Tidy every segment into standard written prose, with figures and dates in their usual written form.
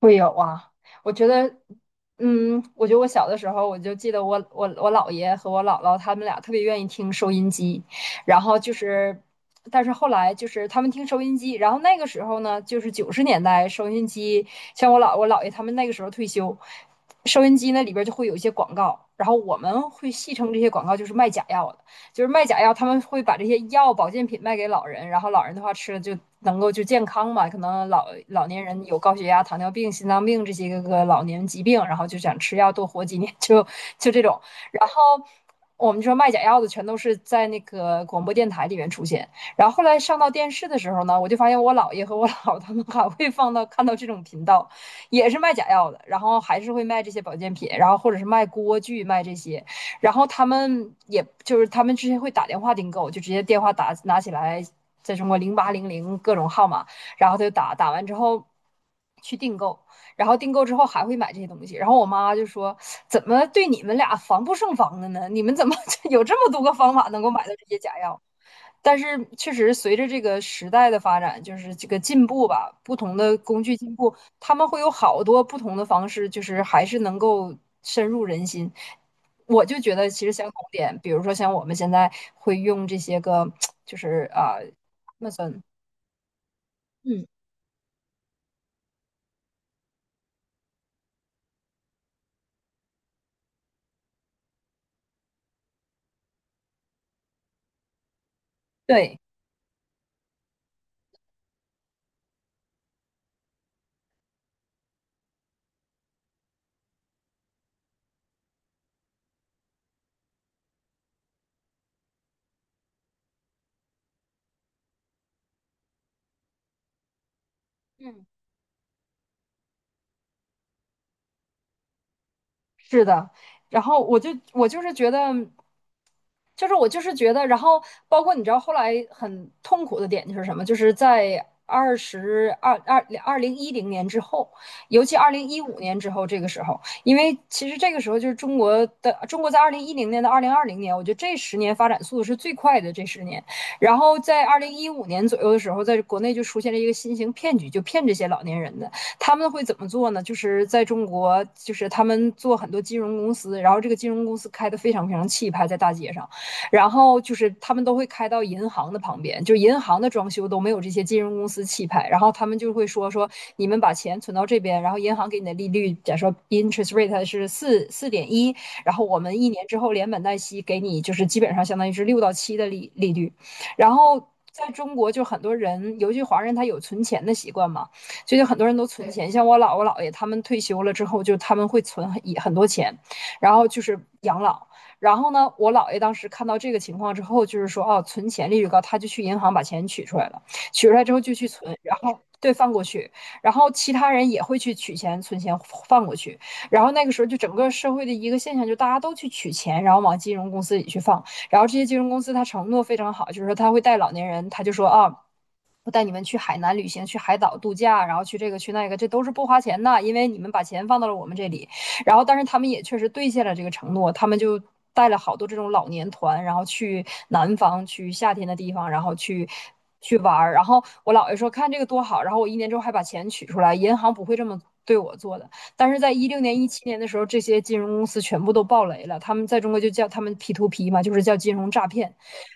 会有啊，我觉得，我觉得我小的时候，我就记得我姥爷和我姥姥他们俩特别愿意听收音机，然后就是，但是后来就是他们听收音机，然后那个时候呢，就是90年代收音机，像我姥爷他们那个时候退休，收音机那里边就会有一些广告，然后我们会戏称这些广告就是卖假药的。就是卖假药，他们会把这些药保健品卖给老人，然后老人的话吃了就能够就健康嘛。可能老年人有高血压、糖尿病、心脏病这些老年疾病，然后就想吃药多活几年，就这种。我们说卖假药的全都是在那个广播电台里面出现，然后后来上到电视的时候呢，我就发现我姥爷和我姥他们还会放到看到这种频道，也是卖假药的，然后还是会卖这些保健品，然后或者是卖锅具卖这些，然后他们也就是他们之前会打电话订购，就直接电话打拿起来，在中国0800各种号码，然后他就打完之后去订购。然后订购之后还会买这些东西。然后我妈就说：“怎么对你们俩防不胜防的呢？你们怎么 有这么多个方法能够买到这些假药？”但是确实，随着这个时代的发展，就是这个进步吧，不同的工具进步，他们会有好多不同的方式，就是还是能够深入人心。我就觉得其实相同点，比如说像我们现在会用这些个，就是啊，Amazon，嗯，对，是的，然后我就是觉得，就是我就是觉得，然后包括你知道后来很痛苦的点就是什么，就是在二十二二二零一零年之后，尤其二零一五年之后这个时候，因为其实这个时候就是中国在二零一零年到2020年，我觉得这十年发展速度是最快的这十年，然后在二零一五年左右的时候，在国内就出现了一个新型骗局，就骗这些老年人的。他们会怎么做呢？就是在中国，就是他们做很多金融公司，然后这个金融公司开的非常非常气派，在大街上，然后就是他们都会开到银行的旁边，就银行的装修都没有这些金融公司气派，然后他们就会说你们把钱存到这边，然后银行给你的利率，假如说 interest rate 是四点一，然后我们一年之后连本带息给你，就是基本上相当于是6到7的利率，然后。在中国，就很多人，尤其华人，他有存钱的习惯嘛。最近很多人都存钱，像我姥爷他们退休了之后，就他们会存很多钱，然后就是养老。然后呢，我姥爷当时看到这个情况之后，就是说哦，存钱利率高，他就去银行把钱取出来了，取出来之后就去存，然后对放过去，然后其他人也会去取钱、存钱放过去。然后那个时候就整个社会的一个现象，就大家都去取钱，然后往金融公司里去放。然后这些金融公司他承诺非常好，就是说他会带老年人，他就说啊，哦我带你们去海南旅行，去海岛度假，然后去这个去那个，这都是不花钱的，因为你们把钱放到了我们这里。然后，但是他们也确实兑现了这个承诺，他们就带了好多这种老年团，然后去南方，去夏天的地方，然后去玩儿。然后我姥爷说看这个多好，然后我一年之后还把钱取出来，银行不会这么对我做的。但是在16年、17年的时候，这些金融公司全部都爆雷了，他们在中国就叫他们 P to P 嘛，就是叫金融诈骗。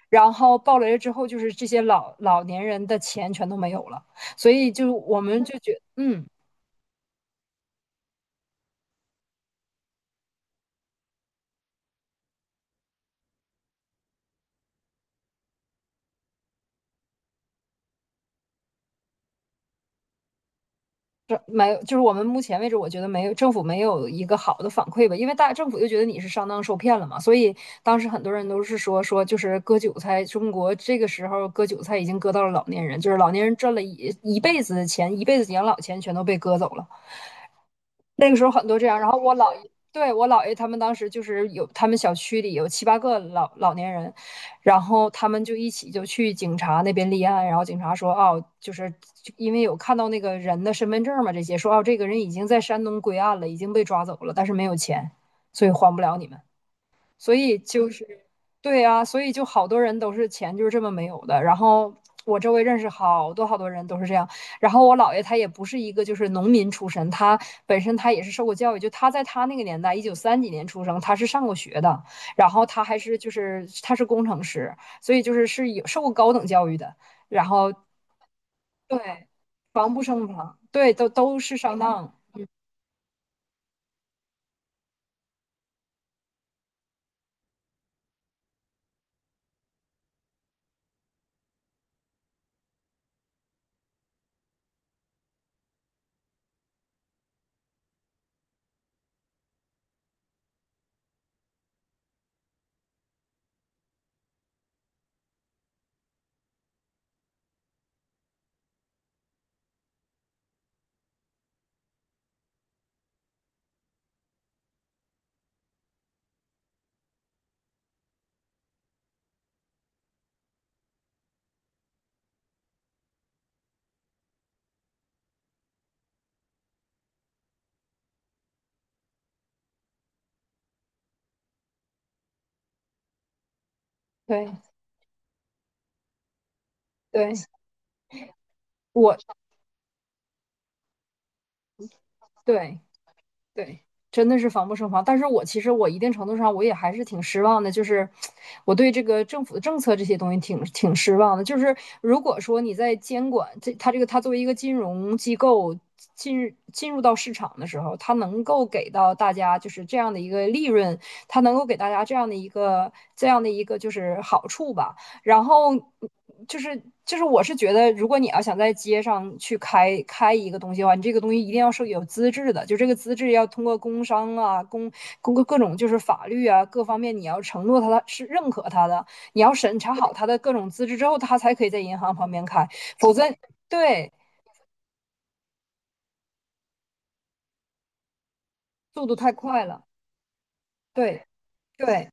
然后暴雷了之后，就是这些老年人的钱全都没有了，所以我们就觉得这没有，就是我们目前为止，我觉得没有政府没有一个好的反馈吧，因为大政府就觉得你是上当受骗了嘛，所以当时很多人都是说就是割韭菜，中国这个时候割韭菜已经割到了老年人，就是老年人赚了一辈子的钱，一辈子养老钱全都被割走了。那个时候很多这样，然后我姥爷，对，我姥爷他们当时就是有他们小区里有七八个老年人，然后他们就一起就去警察那边立案，然后警察说哦，就是因为有看到那个人的身份证嘛，这些说哦，这个人已经在山东归案了，已经被抓走了，但是没有钱，所以还不了你们。所以就是，对啊，所以就好多人都是钱就是这么没有的。然后我周围认识好多好多人都是这样。然后我姥爷他也不是一个就是农民出身，他本身他也是受过教育，就他在他那个年代，一九三几年出生，他是上过学的，然后他还是就是他是工程师，所以就是是有受过高等教育的。然后对，防不胜防，对，都是上当，对对，我对。对，真的是防不胜防。但是我其实我一定程度上我也还是挺失望的，就是我对这个政府的政策这些东西挺失望的。就是如果说你在监管这个它作为一个金融机构进入到市场的时候，它能够给到大家就是这样的一个利润，它能够给大家这样的一个这样的一个就是好处吧。然后就是我是觉得，如果你要想在街上去开一个东西的话，你这个东西一定要是有资质的，就这个资质要通过工商啊、工、公各种就是法律啊各方面，你要承诺他是认可他的，你要审查好他的各种资质之后，他才可以在银行旁边开，否则对速度太快了，对对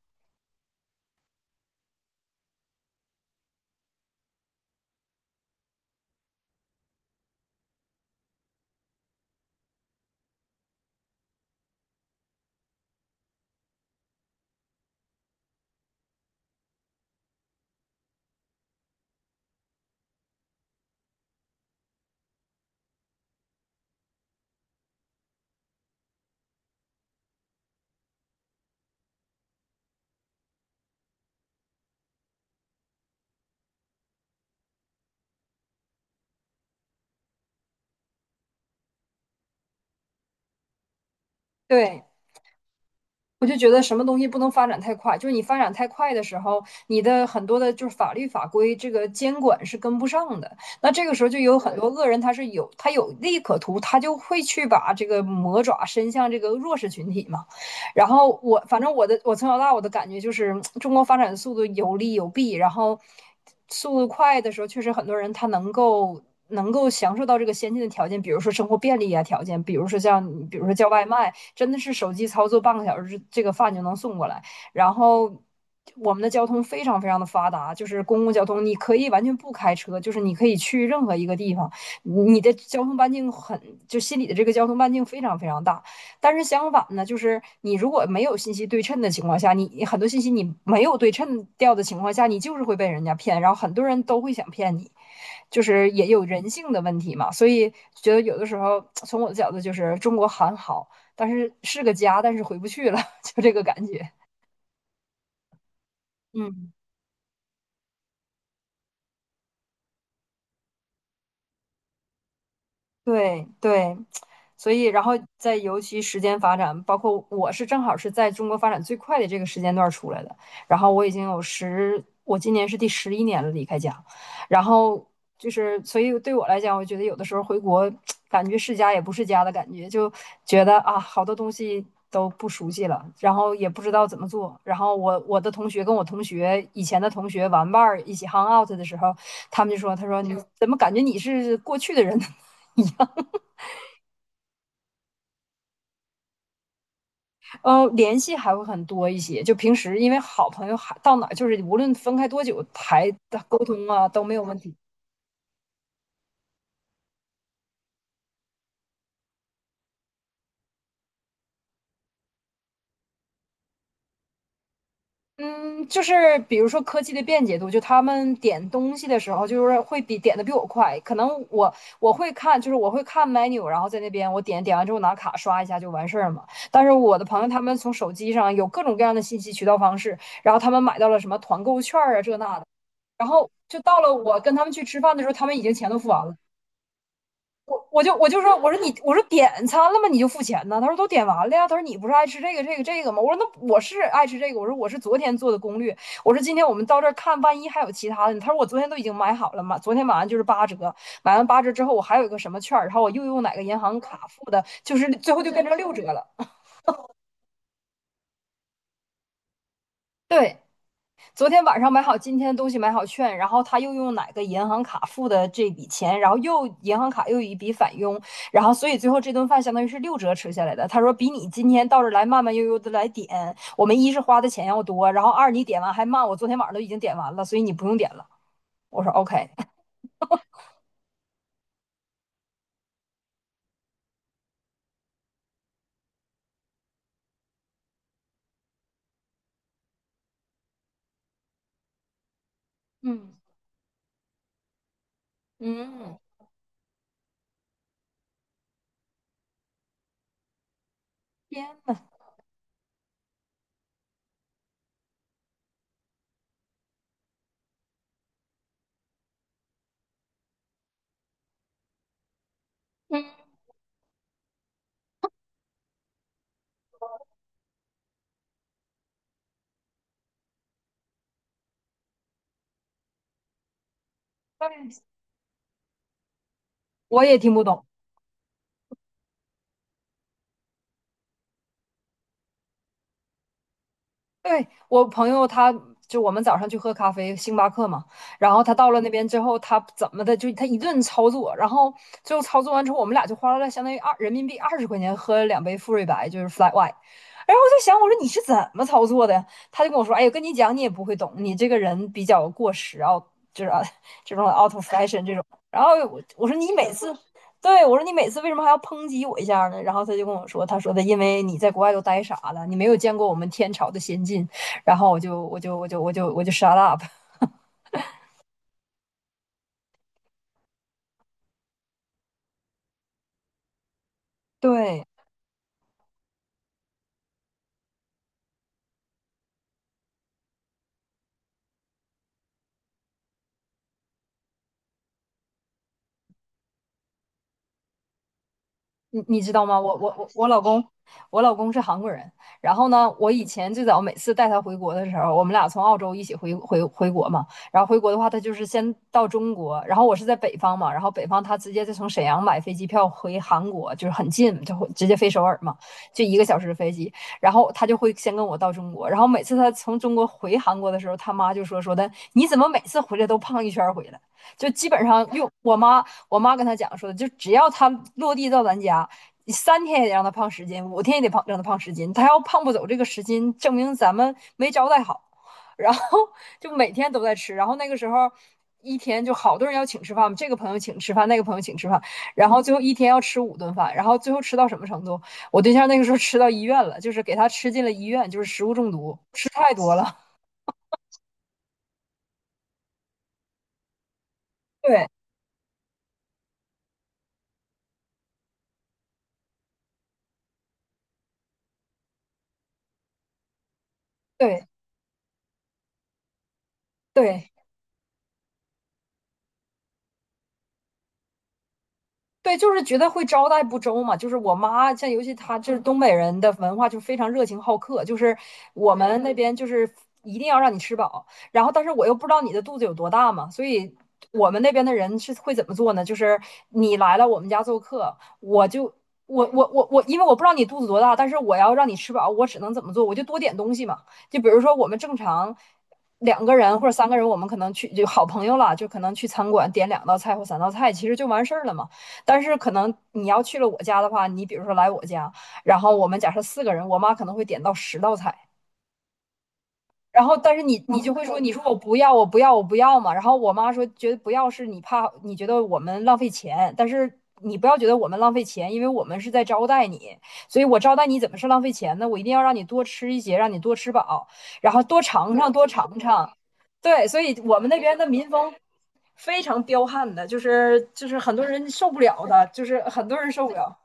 对。我就觉得什么东西不能发展太快，就是你发展太快的时候，你的很多的就是法律法规这个监管是跟不上的。那这个时候就有很多恶人，他是有他有利可图，他就会去把这个魔爪伸向这个弱势群体嘛。然后我反正我的我从小到大我的感觉就是，中国发展的速度有利有弊，然后速度快的时候，确实很多人他能够。能够享受到这个先进的条件，比如说生活便利啊条件，比如说叫外卖，真的是手机操作半个小时，这个饭就能送过来。然后我们的交通非常非常的发达，就是公共交通，你可以完全不开车，就是你可以去任何一个地方，你的交通半径很，就心里的这个交通半径非常非常大。但是相反呢，就是你如果没有信息对称的情况下，你很多信息你没有对称掉的情况下，你就是会被人家骗，然后很多人都会想骗你。就是也有人性的问题嘛，所以觉得有的时候从我的角度就是中国很好，但是是个家，但是回不去了，就这个感觉。嗯。对对，所以然后在尤其时间发展，包括我是正好是在中国发展最快的这个时间段儿出来的，然后我已经有十，我今年是第11年了离开家，然后就是所以对我来讲，我觉得有的时候回国 感觉是家也不是家的感觉，就觉得啊好多东西都不熟悉了，然后也不知道怎么做，然后我的同学跟我同学以前的同学玩伴儿一起 hang out 的时候，他说你怎么感觉你是过去的人呢？联系还会很多一些。就平时因为好朋友还到哪儿，就是无论分开多久，还沟通啊都没有问题。嗯，就是比如说科技的便捷度，就他们点东西的时候，就是会比点的比我快。可能我会看，就是我会看 menu，然后在那边我点完之后拿卡刷一下就完事儿嘛。但是我的朋友他们从手机上有各种各样的信息渠道方式，然后他们买到了什么团购券啊这那的，然后就到了我跟他们去吃饭的时候，他们已经钱都付完了。我就说，我说点餐了吗？你就付钱呢？他说都点完了呀。他说你不是爱吃这个这个这个吗？我说那我是爱吃这个。我说我是昨天做的攻略。我说今天我们到这儿看，万一还有其他的呢。他说我昨天都已经买好了嘛，昨天买完就是八折，买完八折之后我还有一个什么券然后我又用哪个银行卡付的，就是最后就变成六折了。对。昨天晚上买好今天的东西，买好券，然后他又用哪个银行卡付的这笔钱，然后又银行卡又有一笔返佣，然后所以最后这顿饭相当于是六折吃下来的。他说比你今天到这来慢慢悠悠的来点，我们一是花的钱要多，然后二你点完还慢，我昨天晚上都已经点完了，所以你不用点了。我说 OK，嗯嗯，天呐，我也听不懂。对，我朋友他，就我们早上去喝咖啡，星巴克嘛，然后他到了那边之后，他怎么的就他一顿操作，然后最后操作完之后，我们俩就花了相当于人民币20块钱喝了2杯馥芮白，就是 flat white。然后我在想，我说你是怎么操作的呀？他就跟我说，哎呀，跟你讲你也不会懂，你这个人比较过时啊，就是啊 这种 out of fashion 这种。然后我说你每次对，我说你每次为什么还要抨击我一下呢？然后他就跟我说，他说的因为你在国外都呆傻了，你没有见过我们天朝的先进。然后我就 shut up。对，你知道吗？我老公是韩国人。然后呢，我以前最早每次带他回国的时候，我们俩从澳洲一起回国嘛。然后回国的话，他就是先到中国，然后我是在北方嘛，然后北方他直接就从沈阳买飞机票回韩国，就是很近，就会直接飞首尔嘛，就1个小时的飞机。然后他就会先跟我到中国，然后每次他从中国回韩国的时候，他妈就说的，你怎么每次回来都胖一圈儿回来？就基本上又我妈跟他讲说，就只要他落地到咱家，你三天也得让他胖十斤，5天也得让他胖十斤。他要胖不走这个十斤，证明咱们没招待好。然后就每天都在吃，然后那个时候一天就好多人要请吃饭，嘛，这个朋友请吃饭，那个朋友请吃饭，然后最后一天要吃5顿饭，然后最后吃到什么程度？我对象那个时候吃到医院了，就是给他吃进了医院，就是食物中毒，吃太多了。对对对，对，就是觉得会招待不周嘛。就是我妈，像尤其她就是东北人的文化，就非常热情好客。就是我们那边就是一定要让你吃饱，然后但是我又不知道你的肚子有多大嘛，所以我们那边的人是会怎么做呢？就是你来了我们家做客，我就我我我我，因为我不知道你肚子多大，但是我要让你吃饱，我只能怎么做？我就多点东西嘛。就比如说我们正常。2个人或者3个人，我们可能去就好朋友了，就可能去餐馆点2道菜或3道菜，其实就完事儿了嘛。但是可能你要去了我家的话，你比如说来我家，然后我们假设4个人，我妈可能会点到10道菜，然后，但是你就会说，你说我不要，我不要，我不要嘛。然后我妈说，觉得不要是你怕，你觉得我们浪费钱，但是你不要觉得我们浪费钱，因为我们是在招待你，所以我招待你怎么是浪费钱呢？我一定要让你多吃一些，让你多吃饱，然后多尝尝，多尝尝。对，所以我们那边的民风非常彪悍的，就是很多人受不了的，就是很多人受不了。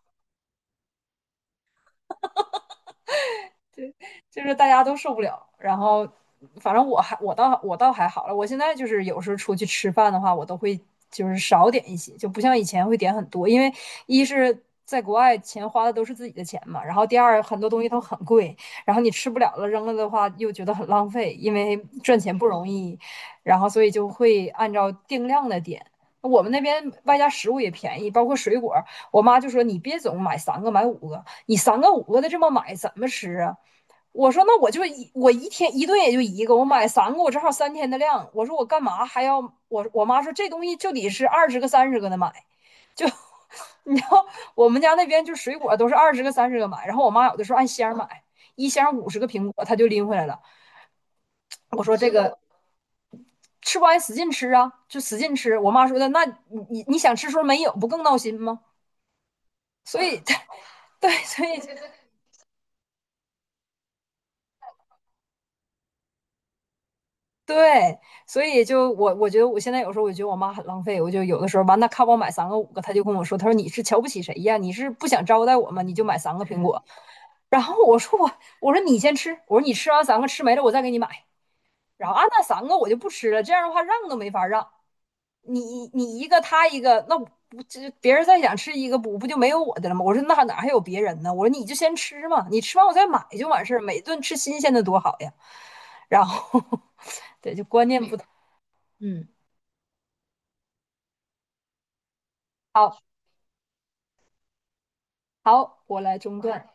就是大家都受不了。然后，反正我倒还好了。我现在就是有时候出去吃饭的话，我都会就是少点一些，就不像以前会点很多，因为一是。在国外，钱花的都是自己的钱嘛。然后第二，很多东西都很贵，然后你吃不了了，扔了的话又觉得很浪费，因为赚钱不容易。然后所以就会按照定量的点。我们那边外加食物也便宜，包括水果。我妈就说：“你别总买三个，买五个，你三个五个的这么买怎么吃啊？”我说那我一天一顿也就一个，我买三个，我正好三天的量。我说我干嘛还要我？我妈说这东西就得是二十个、三十个的买，就你知道我们家那边就水果都是二十个、三十个买。然后我妈有的时候按箱买，1箱50个苹果，她就拎回来了。我说这个 吃不完使劲吃啊，就使劲吃。我妈说的那你想吃时候没有，不更闹心吗？所以 对，所以对，所以我觉得我现在有时候我觉得我妈很浪费，我就有的时候完，那看我买三个五个，她就跟我说，她说你是瞧不起谁呀？你是不想招待我吗？你就买3个苹果。然后我说你先吃，我说你吃完三个吃没了我再给你买。然后啊那三个我就不吃了，这样的话让都没法让，你一个他一个，那我这别人再想吃一个不就没有我的了吗？我说那哪还有别人呢？我说你就先吃嘛，你吃完我再买就完事儿，每顿吃新鲜的多好呀。然后 对，就观念不同。嗯，好，好，我来中断。